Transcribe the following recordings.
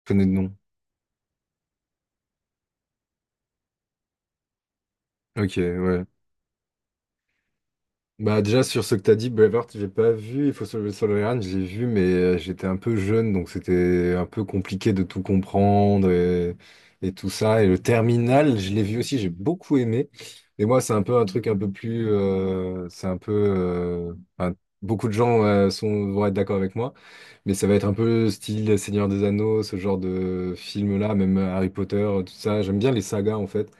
Je connais de nom. Ok, ouais. Bah déjà sur ce que t'as dit, Braveheart, j'ai pas vu. Il faut sauver le soldat Ryan, j'ai vu, mais j'étais un peu jeune, donc c'était un peu compliqué de tout comprendre et tout ça. Et le Terminal, je l'ai vu aussi, j'ai beaucoup aimé. Mais moi, c'est un peu un truc un peu plus, c'est un peu, enfin, beaucoup de gens sont vont être d'accord avec moi, mais ça va être un peu style Seigneur des Anneaux, ce genre de film-là, même Harry Potter, tout ça. J'aime bien les sagas en fait.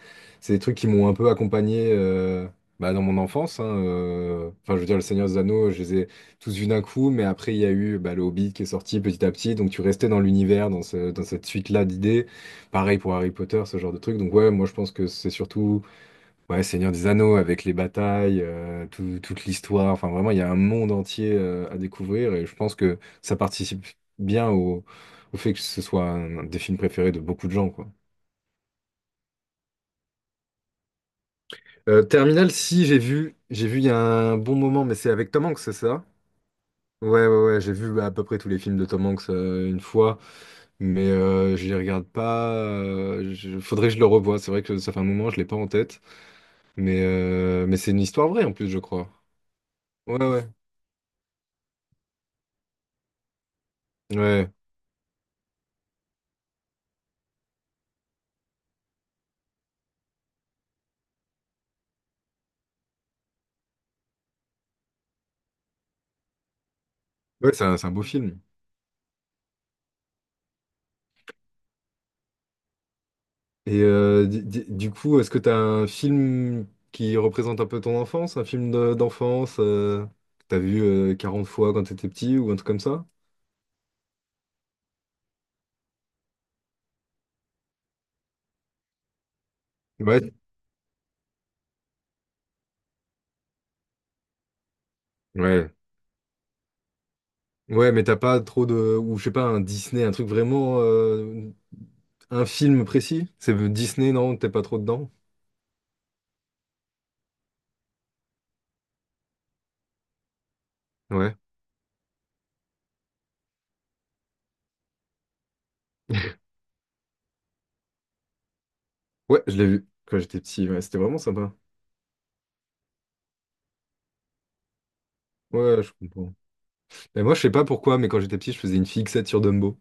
C'est des trucs qui m'ont un peu accompagné. Bah, dans mon enfance, hein, enfin, je veux dire, le Seigneur des Anneaux, je les ai tous vus d'un coup, mais après, il y a eu bah, le Hobbit qui est sorti petit à petit, donc tu restais dans l'univers, dans dans cette suite-là d'idées. Pareil pour Harry Potter, ce genre de truc. Donc, ouais, moi, je pense que c'est surtout ouais, Seigneur des Anneaux avec les batailles, toute l'histoire. Enfin, vraiment, il y a un monde entier à découvrir et je pense que ça participe bien au fait que ce soit un des films préférés de beaucoup de gens, quoi. Terminal, si j'ai vu, j'ai vu il y a un bon moment, mais c'est avec Tom Hanks, c'est ça? Ouais, ouais, ouais, j'ai vu à peu près tous les films de Tom Hanks une fois, mais je les regarde pas. Faudrait que je le revoie. C'est vrai que ça fait un moment, je l'ai pas en tête, mais c'est une histoire vraie en plus, je crois. Ouais, ouais, ouais, ouais, c'est un beau film. Du coup, est-ce que t'as un film qui représente un peu ton enfance, un film d'enfance que t'as vu 40 fois quand t'étais petit ou un truc comme ça? Ouais, ouais. Ouais, mais t'as pas trop de... Ou je sais pas, un Disney, un truc vraiment... Un film précis? C'est Disney, non? T'es pas trop dedans? Ouais. Ouais, je l'ai vu quand j'étais petit. Ouais, c'était vraiment sympa. Ouais, je comprends. Et moi, je sais pas pourquoi, mais quand j'étais petit, je faisais une fixette sur Dumbo.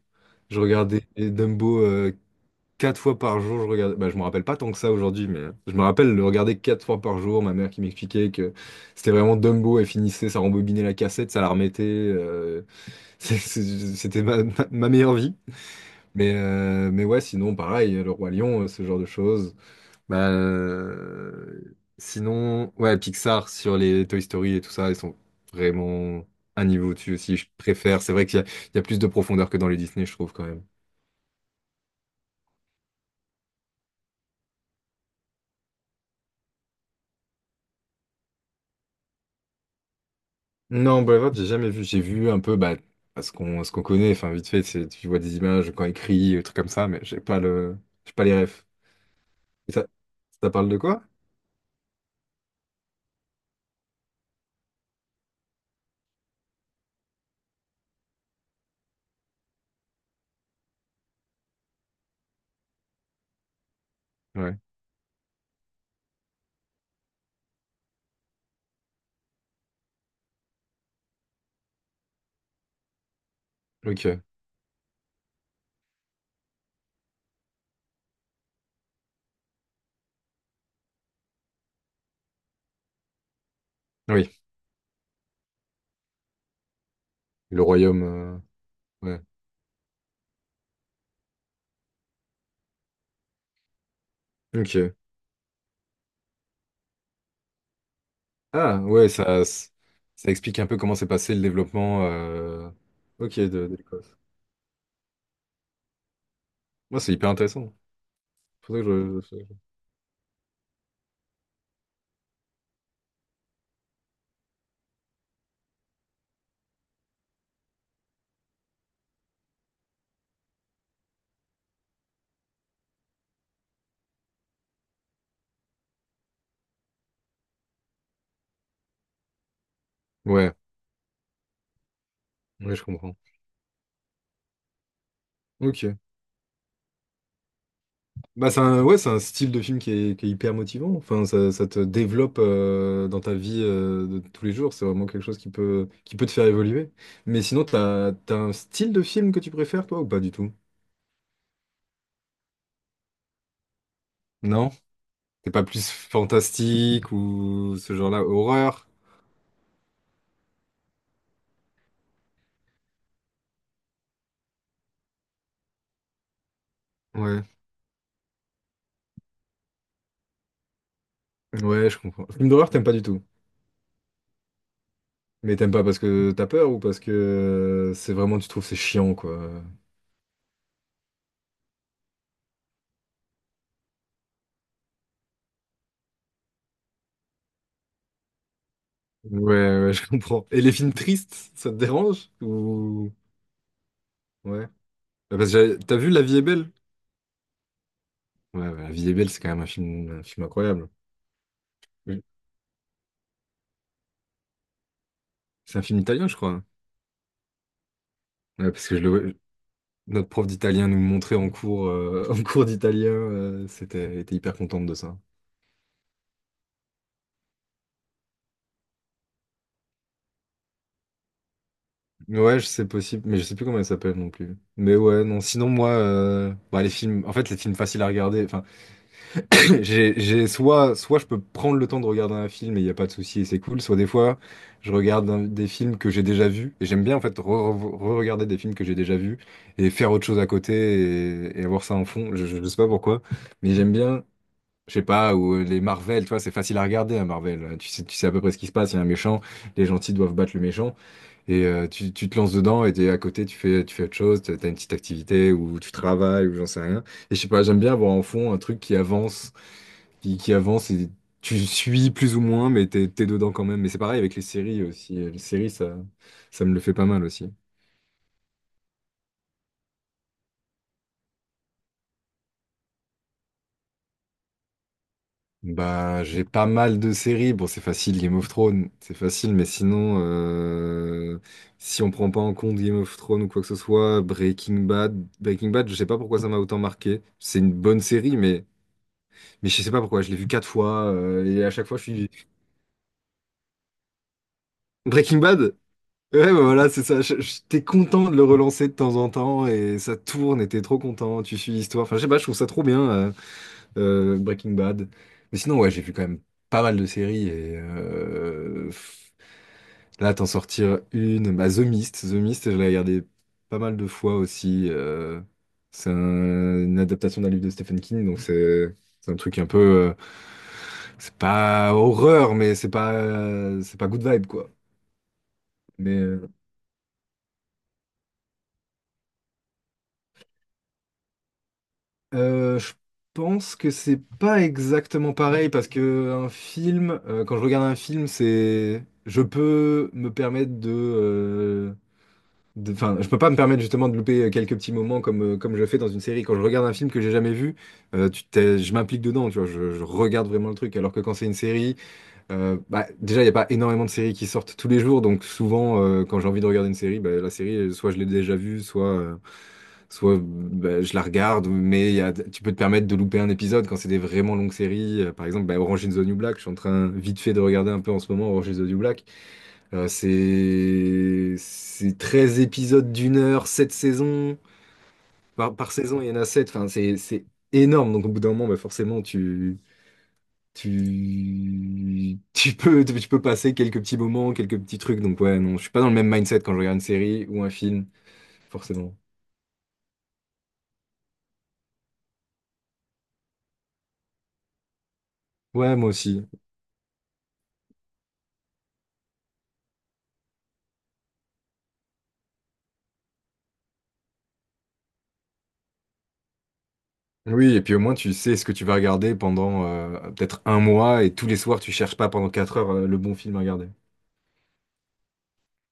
Je regardais Dumbo 4 fois par jour. Je regardais, bah, je me rappelle pas tant que ça aujourd'hui, mais je me rappelle le regarder 4 fois par jour. Ma mère qui m'expliquait que c'était vraiment Dumbo. Elle finissait, ça rembobinait la cassette, ça la remettait. C'était ma meilleure vie. Mais ouais, sinon, pareil, Le Roi Lion, ce genre de choses. Bah, sinon, ouais, Pixar sur les Toy Story et tout ça, ils sont vraiment un niveau au-dessus aussi. Je préfère. C'est vrai qu'il y a plus de profondeur que dans les Disney, je trouve quand même. Non, Braveheart, j'ai jamais vu. J'ai vu un peu, bah, à ce qu'on connaît. Enfin, vite fait, c'est, tu vois des images quand il crie, des trucs comme ça, mais j'ai pas les refs. Et ça parle de quoi? Ouais. Ok. Oui. Le royaume. Ouais. Ok. Ah, ouais, ça explique un peu comment s'est passé le développement ok, de l'Écosse. Moi, c'est hyper intéressant. Faudrait que je- Ouais, ouais, je comprends. Ok. Bah, c'est un style de film qui est hyper motivant. Enfin, ça te développe dans ta vie de tous les jours. C'est vraiment quelque chose qui peut te faire évoluer. Mais sinon, t'as un style de film que tu préfères, toi, ou pas du tout? Non? T'es pas plus fantastique ou ce genre-là, horreur? Ouais. Ouais, je comprends. Film d'horreur, t'aimes pas du tout. Mais t'aimes pas parce que t'as peur ou parce que c'est vraiment, tu trouves c'est chiant, quoi. Ouais, ouais, je comprends. Et les films tristes, ça te dérange? Ou... Ouais. Bah, parce que t'as vu La vie est belle? Ouais, ouais, La vie est belle, c'est quand même un film incroyable. Oui. C'est un film italien, je crois. Ouais, parce que notre prof d'italien nous le montrait en cours, en cours d'italien. Elle était hyper contente de ça. Ouais, c'est possible, mais je sais plus comment elle s'appelle non plus. Mais ouais, non, sinon moi, bah, les films, en fait, les films faciles à regarder, enfin, Soit je peux prendre le temps de regarder un film et il n'y a pas de souci et c'est cool, soit des fois je regarde des films que j'ai déjà vus et j'aime bien en fait re-regarder des films que j'ai déjà vus et faire autre chose à côté et avoir ça en fond. Je sais pas pourquoi, mais j'aime bien, je sais pas, ou les Marvel, tu vois, c'est facile à regarder un Marvel. Tu sais à peu près ce qui se passe, il y a un méchant, les gentils doivent battre le méchant et tu te lances dedans et t'es à côté, tu fais autre chose, t'as une petite activité ou tu travailles ou j'en sais rien. Et je sais pas, j'aime bien avoir en fond un truc qui avance qui avance et tu suis plus ou moins, mais t'es dedans quand même. Mais c'est pareil avec les séries aussi. Les séries, ça me le fait pas mal aussi. Bah, j'ai pas mal de séries. Bon, c'est facile, Game of Thrones, c'est facile, mais sinon, si on prend pas en compte Game of Thrones ou quoi que ce soit, Breaking Bad, Breaking Bad, je sais pas pourquoi ça m'a autant marqué. C'est une bonne série, mais je sais pas pourquoi, je l'ai vu 4 fois, et à chaque fois, je suis... Breaking Bad? Ouais, bah voilà, c'est ça. T'es content de le relancer de temps en temps et ça tourne et t'es trop content. Tu suis l'histoire. Enfin, je sais pas, je trouve ça trop bien, Breaking Bad. Mais sinon, ouais, j'ai vu quand même pas mal de séries et là, t'en sortir une. Bah, The Mist, The Mist, je l'ai regardé pas mal de fois aussi. C'est une adaptation d'un livre de Stephen King, donc c'est un truc un peu. C'est pas horreur, mais c'est pas good vibe, quoi. Mais. Je pense que c'est pas exactement pareil parce que un film, quand je regarde un film, c'est, je peux me permettre enfin, je peux pas me permettre justement de louper quelques petits moments comme je fais dans une série. Quand je regarde un film que j'ai jamais vu, je m'implique dedans, tu vois, je regarde vraiment le truc. Alors que quand c'est une série, bah, déjà, il n'y a pas énormément de séries qui sortent tous les jours, donc souvent, quand j'ai envie de regarder une série, bah, la série, soit je l'ai déjà vue, soit je la regarde, mais tu peux te permettre de louper un épisode quand c'est des vraiment longues séries. Par exemple, bah, Orange is the New Black, je suis en train vite fait de regarder un peu en ce moment Orange is the New Black. C'est 13 épisodes d'1 heure, 7 saisons. Par saison, il y en a 7. Enfin, c'est énorme, donc au bout d'un moment, bah, forcément, tu peux passer quelques petits moments, quelques petits trucs. Donc ouais, non, je suis pas dans le même mindset quand je regarde une série ou un film, forcément. Ouais, moi aussi. Oui, et puis au moins tu sais ce que tu vas regarder pendant peut-être un mois et tous les soirs tu cherches pas pendant 4 heures le bon film à regarder.